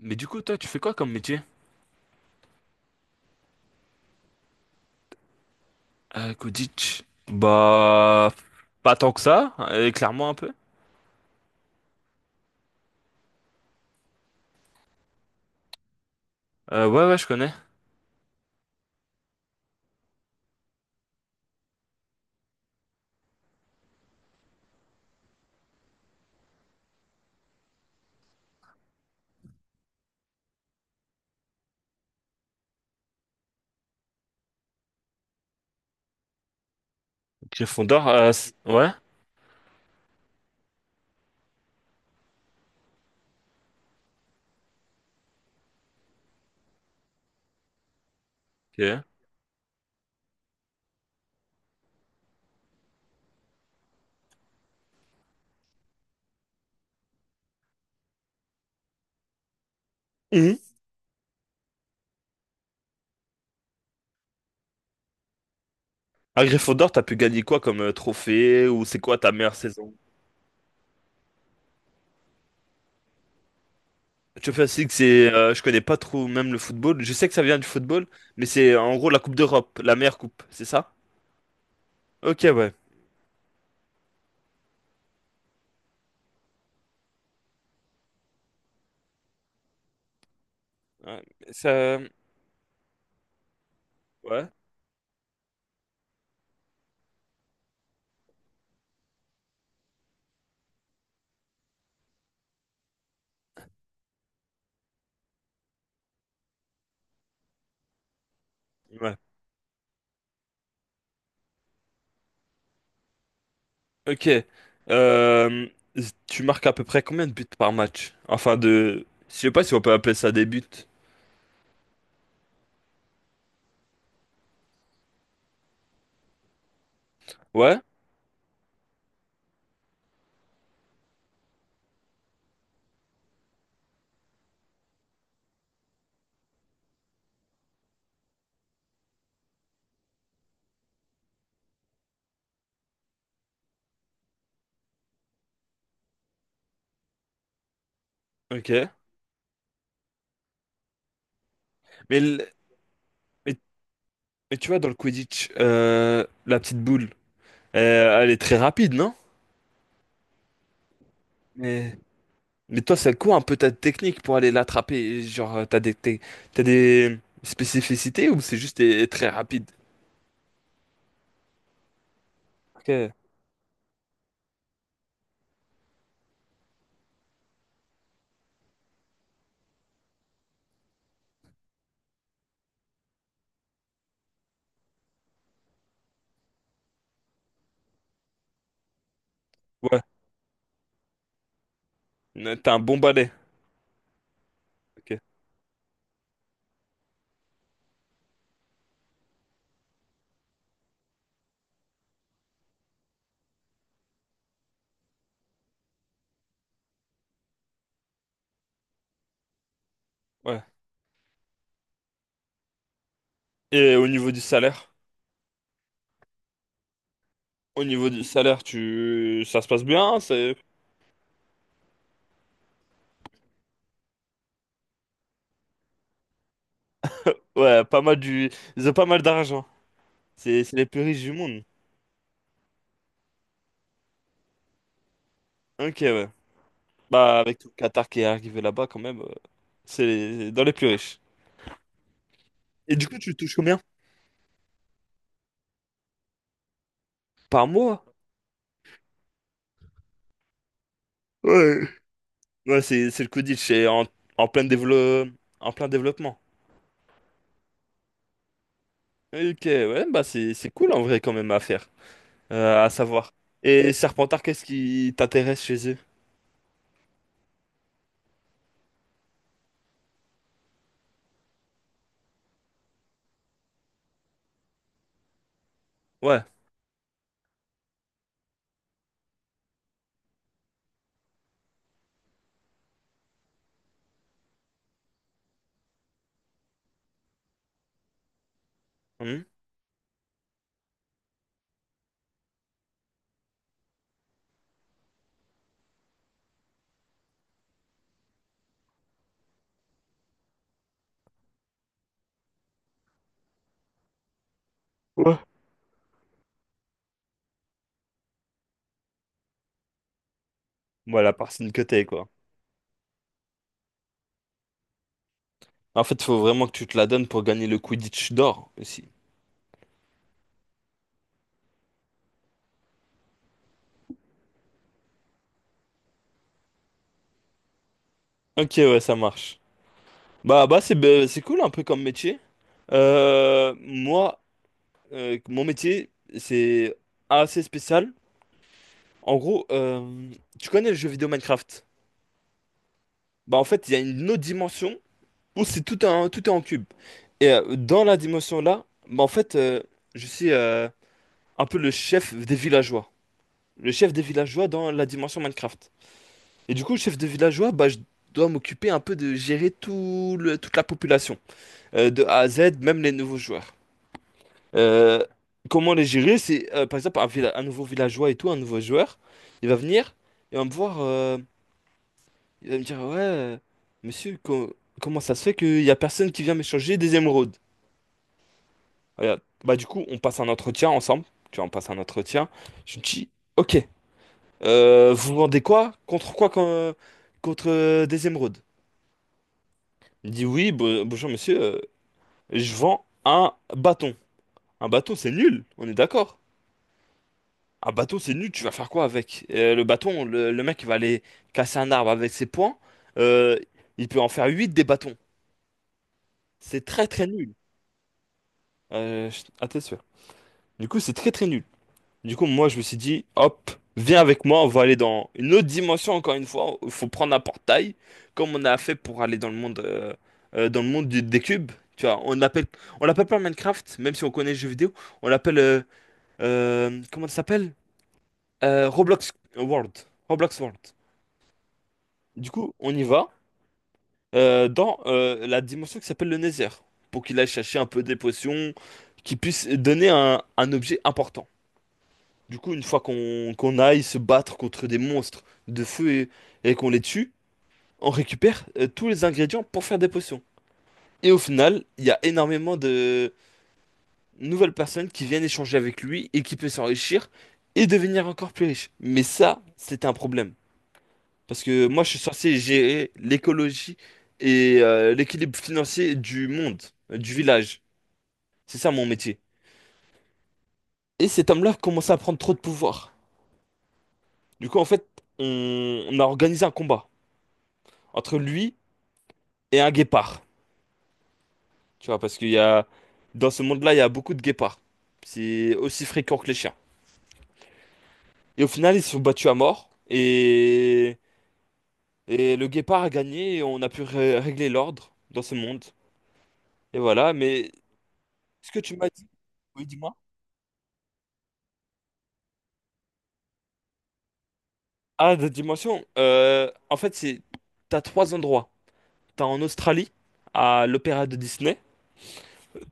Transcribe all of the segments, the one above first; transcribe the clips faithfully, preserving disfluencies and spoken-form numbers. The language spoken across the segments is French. Mais du coup, toi, tu fais quoi comme métier? Euh, Kodich. Bah, pas tant que ça, euh, clairement un peu. Euh, ouais, ouais, je connais. Gryffondor, euh, c- ouais, ok. Mhm. À Gryffondor, t'as pu gagner quoi comme euh, trophée ou c'est quoi ta meilleure saison? Tu fais aussi que c'est, euh, je connais pas trop même le football. Je sais que ça vient du football, mais c'est euh, en gros la Coupe d'Europe, la meilleure coupe, c'est ça? Ok, ouais. Ouais, ça, ouais, ouais. Ok. Euh, Tu marques à peu près combien de buts par match? Enfin de, je sais pas si on peut appeler ça des buts. Ouais? Ok. Mais, le- mais, mais tu vois, dans le Quidditch, euh, la petite boule, euh, elle est très rapide, non? Mais, mais toi, c'est quoi un peu ta technique pour aller l'attraper? Genre, euh, t'as des, t'es- t'as des spécificités ou c'est juste t'es très rapide? Ok. Ouais. Euh, T'as un bon balai. Ok. Ouais. Et au niveau du salaire? Au niveau du salaire, tu, ça se passe bien? Ouais, pas mal du. Ils ont pas mal d'argent. C'est c'est les plus riches du monde. Ok, ouais. Bah, avec tout le Qatar qui est arrivé là-bas, quand même, euh, c'est dans les plus riches. Et du coup, tu touches combien? Par mois? Ouais. Ouais, c'est c'est le Quidditch, c'est en, en plein dévelop- en plein développement. Ok, ouais, bah c'est c'est cool en vrai quand même à faire, euh, à savoir. Et Serpentard, qu'est-ce qui t'intéresse chez eux? Ouais. Hmm. Ouais. Moi, la personne que t'es, quoi. En fait, faut vraiment que tu te la donnes pour gagner le Quidditch d'or aussi. Ok, ouais, ça marche. Bah, bah c'est bah, c'est cool un peu comme métier. Euh, moi, euh, mon métier, c'est assez spécial. En gros, euh, tu connais le jeu vidéo Minecraft? Bah, en fait, il y a une autre dimension où c'est tout un, tout est en cube. Et euh, dans la dimension-là, bah, en fait, euh, je suis euh, un peu le chef des villageois. Le chef des villageois dans la dimension Minecraft. Et du coup, chef des villageois, bah, je dois m'occuper un peu de gérer tout le, toute la population, euh, de A à Z, même les nouveaux joueurs. Euh, Comment les gérer? C'est euh, par exemple un, villa- un nouveau villageois et tout, un nouveau joueur. Il va venir, et va me voir, euh, il va me dire, ouais, euh, monsieur, co- comment ça se fait qu'il y a personne qui vient m'échanger des émeraudes? Regarde. Bah du coup, on passe un entretien ensemble. Tu vois, on passe un entretien. Je me dis, ok, euh, vous vendez quoi? Contre quoi quand- contre euh, des émeraudes? Il me dit, oui, bo- bonjour monsieur, euh, je vends un bâton. Un bâton, c'est nul, on est d'accord. Un bateau, c'est nul, tu vas faire quoi avec? Euh, le bâton, le, le mec il va aller casser un arbre avec ses poings. euh, il peut en faire huit des bâtons. C'est très très nul. Euh, je- à tête sûre. Du coup, c'est très très nul. Du coup, moi je me suis dit, hop, viens avec moi, on va aller dans une autre dimension encore une fois. Il faut prendre un portail, comme on a fait pour aller dans le monde, euh, euh, dans le monde du- des cubes. Tu vois, on l'appelle, on l'appelle pas Minecraft, même si on connaît le jeu vidéo. On l'appelle, euh, euh, comment ça s'appelle? Euh, Roblox World. Roblox World. Du coup, on y va euh, dans euh, la dimension qui s'appelle le Nether, pour qu'il aille chercher un peu des potions qui puissent donner un, un objet important. Du coup, une fois qu'on qu'on aille se battre contre des monstres de feu et, et qu'on les tue, on récupère euh, tous les ingrédients pour faire des potions. Et au final, il y a énormément de nouvelles personnes qui viennent échanger avec lui et qui peuvent s'enrichir et devenir encore plus riches. Mais ça, c'est un problème. Parce que moi, je suis censé gérer l'écologie et euh, l'équilibre financier du monde, euh, du village. C'est ça mon métier. Et cet homme-là commençait à prendre trop de pouvoir. Du coup, en fait, on, on a organisé un combat entre lui et un guépard. Tu vois, parce qu'il y a, dans ce monde-là, il y a beaucoup de guépards. C'est aussi fréquent que les chiens. Et au final, ils se sont battus à mort. Et, et le guépard a gagné et on a pu ré- régler l'ordre dans ce monde. Et voilà, mais ce que tu m'as dit. Oui, dis-moi. Ah, d'autres dimensions. Euh, en fait, c'est t'as trois endroits. T'as en Australie, à l'Opéra de Disney.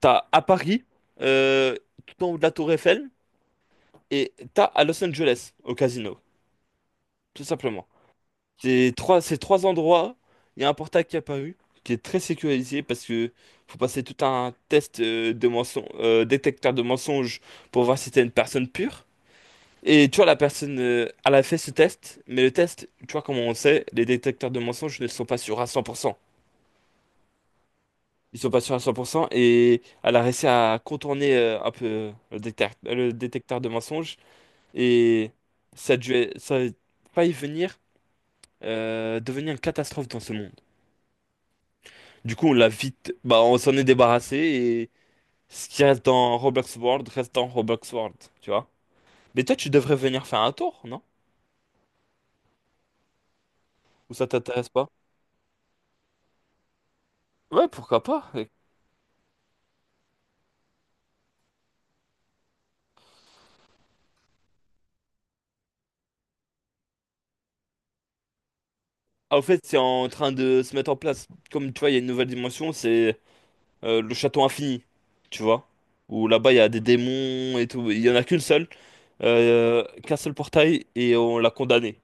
T'as à Paris, euh, tout en haut de la Tour Eiffel. Et t'as à Los Angeles, au casino, tout simplement. Ces trois, ces trois endroits, il y a un portail qui est apparu, qui est très sécurisé parce que faut passer tout un test euh, de mensonge, euh, détecteur de mensonges pour voir si t'es une personne pure. Et tu vois, la personne, euh, elle a fait ce test, mais le test, tu vois, comment on sait, les détecteurs de mensonges ne sont pas sûrs à cent pour cent. Ils sont pas sûrs à cent pour cent et elle a réussi à contourner euh, un peu euh, le détecteur, le détecteur de mensonges et ça a dû, ça a failli venir euh, devenir une catastrophe dans ce monde. Du coup, on l'a vite, bah, on s'en est débarrassé et ce qui reste dans Roblox World reste dans Roblox World, tu vois. Mais toi, tu devrais venir faire un tour, non? Ou ça t'intéresse pas? Ouais, pourquoi pas? Ah, au fait, c'est en train de se mettre en place. Comme tu vois, il y a une nouvelle dimension, c'est euh, le château infini, tu vois. Où là-bas, il y a des démons et tout. Il y en a qu'une seule, euh, qu'un seul portail, et on l'a condamné.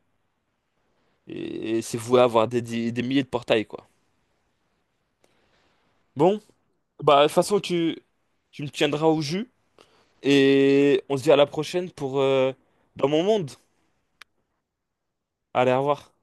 Et, et c'est voué à avoir des, di- des milliers de portails, quoi. Bon, bah, de toute façon, tu, tu me tiendras au jus, et on se dit à la prochaine pour euh, dans mon monde. Allez, au revoir.